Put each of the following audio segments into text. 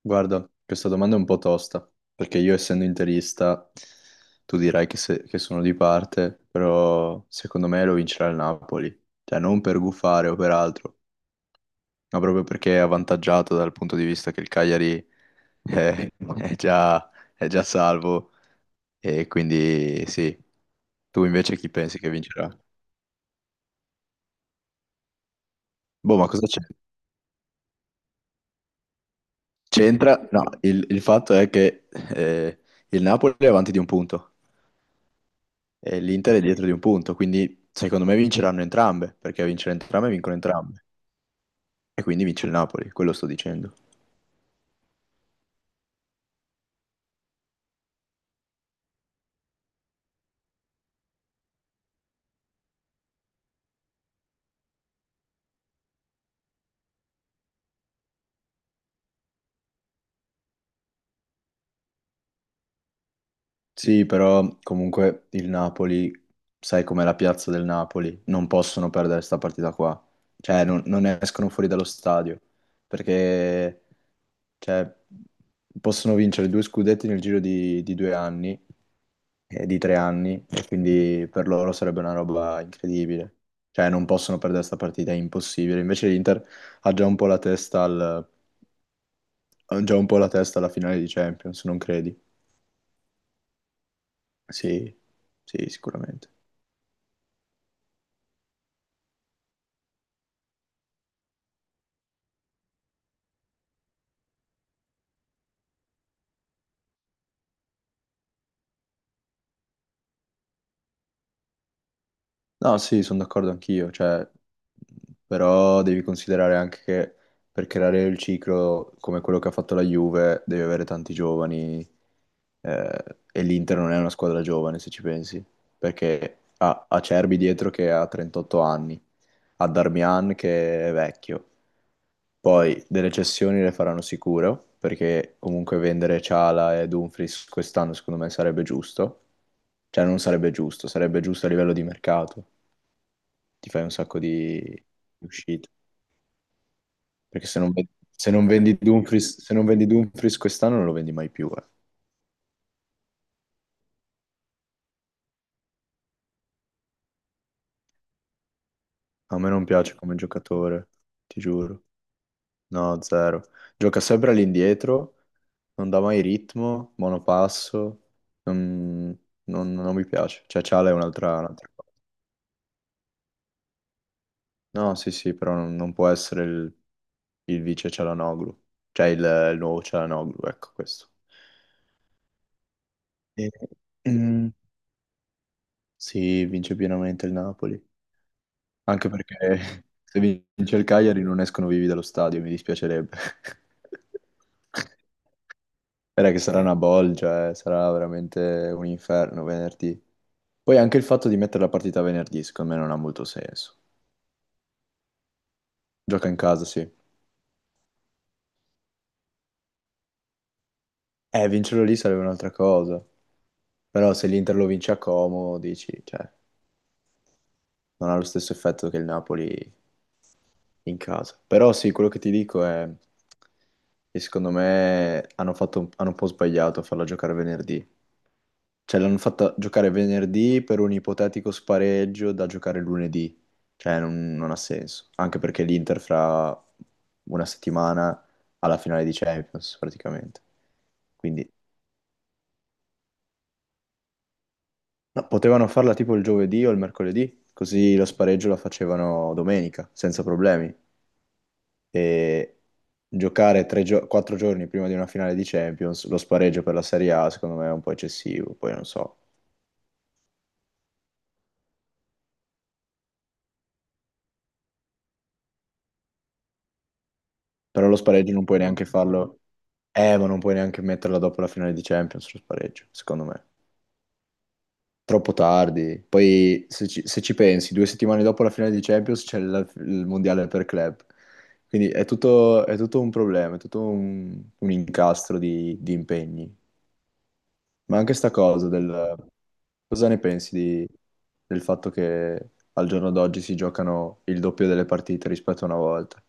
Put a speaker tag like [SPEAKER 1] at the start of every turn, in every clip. [SPEAKER 1] Guarda, questa domanda è un po' tosta, perché io essendo interista, tu dirai che, che sono di parte, però secondo me lo vincerà il Napoli. Cioè non per gufare o per altro, ma proprio perché è avvantaggiato dal punto di vista che il Cagliari è, è già, è già salvo e quindi sì. Tu invece chi pensi che vincerà? Boh, ma cosa c'è? C'entra? No, il fatto è che eh, il Napoli è avanti di un punto. E l'Inter è dietro di un punto, quindi secondo me vinceranno entrambe, perché a vincere entrambe vincono entrambe, e quindi vince il Napoli, quello sto dicendo. Sì, però comunque il Napoli, sai com'è la piazza del Napoli, non possono perdere questa partita qua. Cioè, non escono fuori dallo stadio, perché cioè, possono vincere due scudetti nel giro di due anni, di tre anni, e quindi per loro sarebbe una roba incredibile. Cioè, non possono perdere questa partita, è impossibile. Invece l'Inter ha già un po' la testa al- ha già un po' la testa alla finale di Champions, non credi? Sì, sì, sicuramente. No, sì, sono d'accordo anch'io, cioè, però devi considerare anche che per creare il ciclo come quello che ha fatto la Juve devi avere tanti giovani eh, e l'Inter non è una squadra giovane se ci pensi, perché ha Acerbi dietro che ha 38 anni, ha Darmian che è vecchio, poi delle cessioni le faranno sicuro, perché comunque vendere Ciala e Dumfries quest'anno secondo me sarebbe giusto, cioè non sarebbe giusto, sarebbe giusto a livello di mercato, ti fai un sacco di uscite. Perché se non vendi Dumfries, se non vendi Dumfries quest'anno non lo vendi mai più. Eh. A me non piace come giocatore, ti giuro. No, zero. Gioca sempre all'indietro, non dà mai ritmo, monopasso. Non, non mi piace. Cioè, Ciala è un'altra cosa. No, sì, sì, però non può essere il vice Cialanoglu. Cioè, il nuovo Cialanoglu, ecco questo. E, mm, sì, vince pienamente il Napoli. Anche perché se vince il Cagliari non escono vivi dallo stadio, mi dispiacerebbe. Era che sarà una bolgia, sarà veramente un inferno venerdì. Poi anche il fatto di mettere la partita venerdì, secondo me non ha molto senso. Gioca in casa, sì. Vincerlo lì sarebbe un'altra cosa. Però se l'Inter lo vince a Como, dici, cioè non ha lo stesso effetto che il Napoli in casa. Però sì, quello che ti dico è che secondo me hanno un po' sbagliato a farla giocare venerdì. Cioè l'hanno fatta giocare venerdì per un ipotetico spareggio da giocare lunedì. Cioè non ha senso. Anche perché l'Inter fra una settimana ha la finale di Champions praticamente. Quindi no, potevano farla tipo il giovedì o il mercoledì, così lo spareggio la facevano domenica, senza problemi. E giocare quattro giorni prima di una finale di Champions, lo spareggio per la Serie A, secondo me è un po' eccessivo, poi non so. Però lo spareggio non puoi neanche farlo, ma non puoi neanche metterla dopo la finale di Champions, lo spareggio, secondo me. Troppo tardi. Poi, se ci pensi, due settimane dopo la finale di Champions c'è il mondiale per club. Quindi è tutto un problema, è tutto un incastro di impegni. Ma anche sta cosa del... Cosa ne pensi di- del fatto che al giorno d'oggi si giocano il doppio delle partite rispetto a una volta?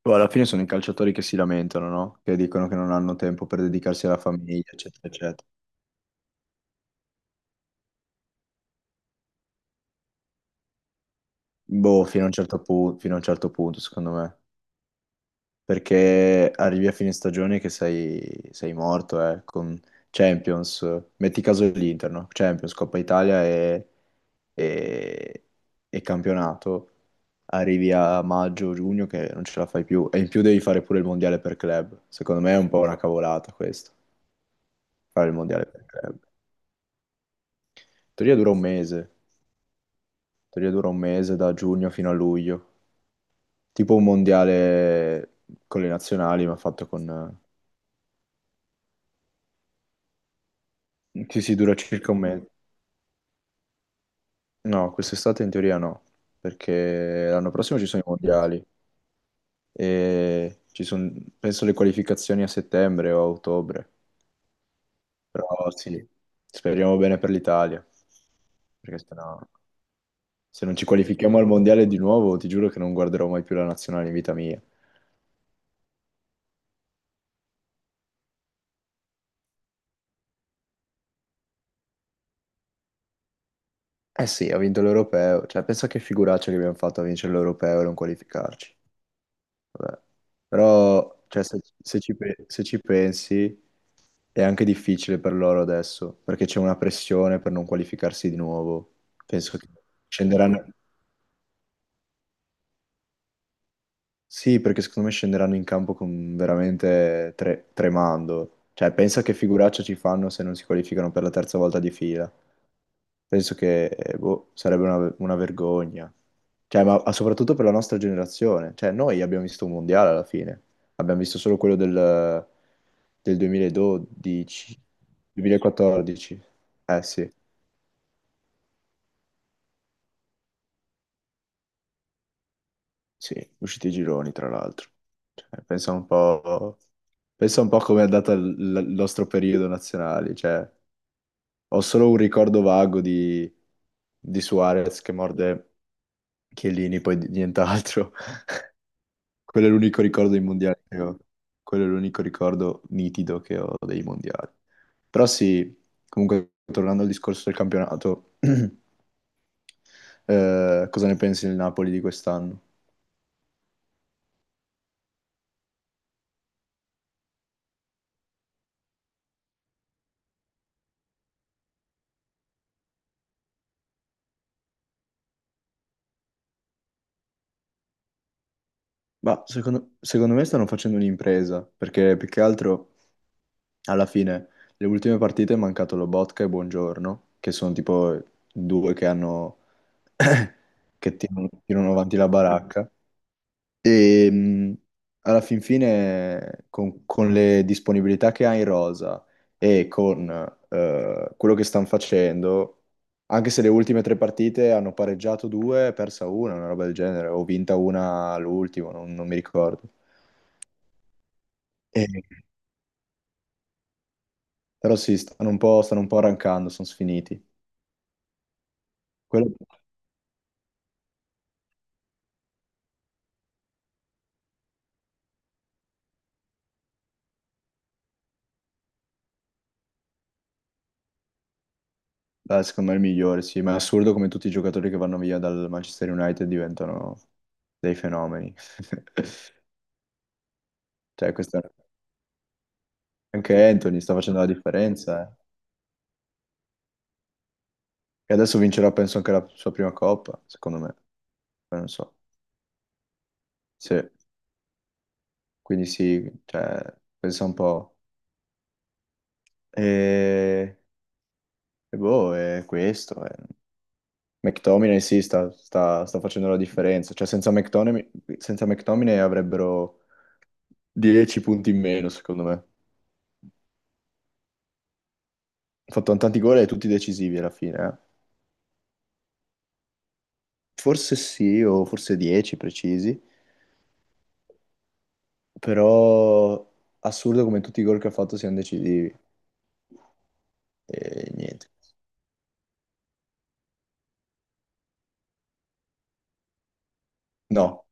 [SPEAKER 1] Poi alla fine sono i calciatori che si lamentano, no? Che dicono che non hanno tempo per dedicarsi alla famiglia, eccetera, eccetera. Boh, fino a un certo punto, secondo me. Perché arrivi a fine stagione che sei morto, con Champions, metti caso l'Inter, no? Champions, Coppa Italia e- e campionato, arrivi a maggio, giugno che non ce la fai più, e in più devi fare pure il mondiale per club, secondo me è un po' una cavolata questo, fare il mondiale per club. In teoria dura un mese, in teoria dura un mese da giugno fino a luglio, tipo un mondiale con le nazionali ma fatto con... Sì, sì, dura circa un mese. No, quest'estate in teoria no, perché l'anno prossimo ci sono i mondiali e ci sono, penso, le qualificazioni a settembre o a ottobre. Però sì, speriamo bene per l'Italia, perché sennò se non ci qualifichiamo al mondiale di nuovo, ti giuro che non guarderò mai più la nazionale in vita mia. Eh sì, ha vinto l'europeo, cioè pensa che figuraccia che abbiamo fatto a vincere l'europeo e non qualificarci. Vabbè. Però, cioè, se ci pensi, è anche difficile per loro adesso, perché c'è una pressione per non qualificarsi di nuovo. Penso che scenderanno... Sì, perché secondo me scenderanno in campo con veramente tremando. Cioè, pensa che figuraccia ci fanno se non si qualificano per la terza volta di fila. Penso che boh, sarebbe una vergogna. Cioè, ma soprattutto per la nostra generazione. Cioè, noi abbiamo visto un mondiale alla fine. Abbiamo visto solo quello del 2012, 2014. Eh sì, sì, usciti i gironi, tra l'altro. Cioè, pensa un po' come è andato il nostro periodo nazionale. Cioè, ho solo un ricordo vago di Suarez che morde Chiellini, nient'altro. Quello è l'unico ricordo dei mondiali che ho. Quello è l'unico ricordo nitido che ho dei mondiali. Però sì, comunque tornando al discorso del campionato, cosa ne pensi del Napoli di quest'anno? Ma secondo me stanno facendo un'impresa, perché più che altro alla fine le ultime partite è mancato Lobotka e Buongiorno, che sono tipo due che hanno che tirano avanti la baracca. E alla fin fine, con le disponibilità che ha in rosa e con quello che stanno facendo, anche se le ultime tre partite hanno pareggiato due, e persa una roba del genere, o vinta una all'ultimo, non mi ricordo. E- però sì, stanno un po' arrancando, sono sfiniti. Quello secondo me è il migliore, sì, ma è assurdo come tutti i giocatori che vanno via dal Manchester United diventano dei fenomeni. Cioè, questa... Anche Anthony sta facendo la differenza, eh. E adesso vincerà, penso, anche la sua prima coppa, secondo me. Poi non so. Sì. Quindi sì, cioè, pensa un po'. E, e boh, è questo. Eh. McTominay sì, sta facendo la differenza. Cioè, senza McTominay, senza McTominay avrebbero 10 punti in meno, secondo me. Ha fatto tanti gol e tutti decisivi alla fine, eh. Forse sì, o forse 10 precisi. Però assurdo come tutti i gol che ha fatto siano decisivi. E niente. No.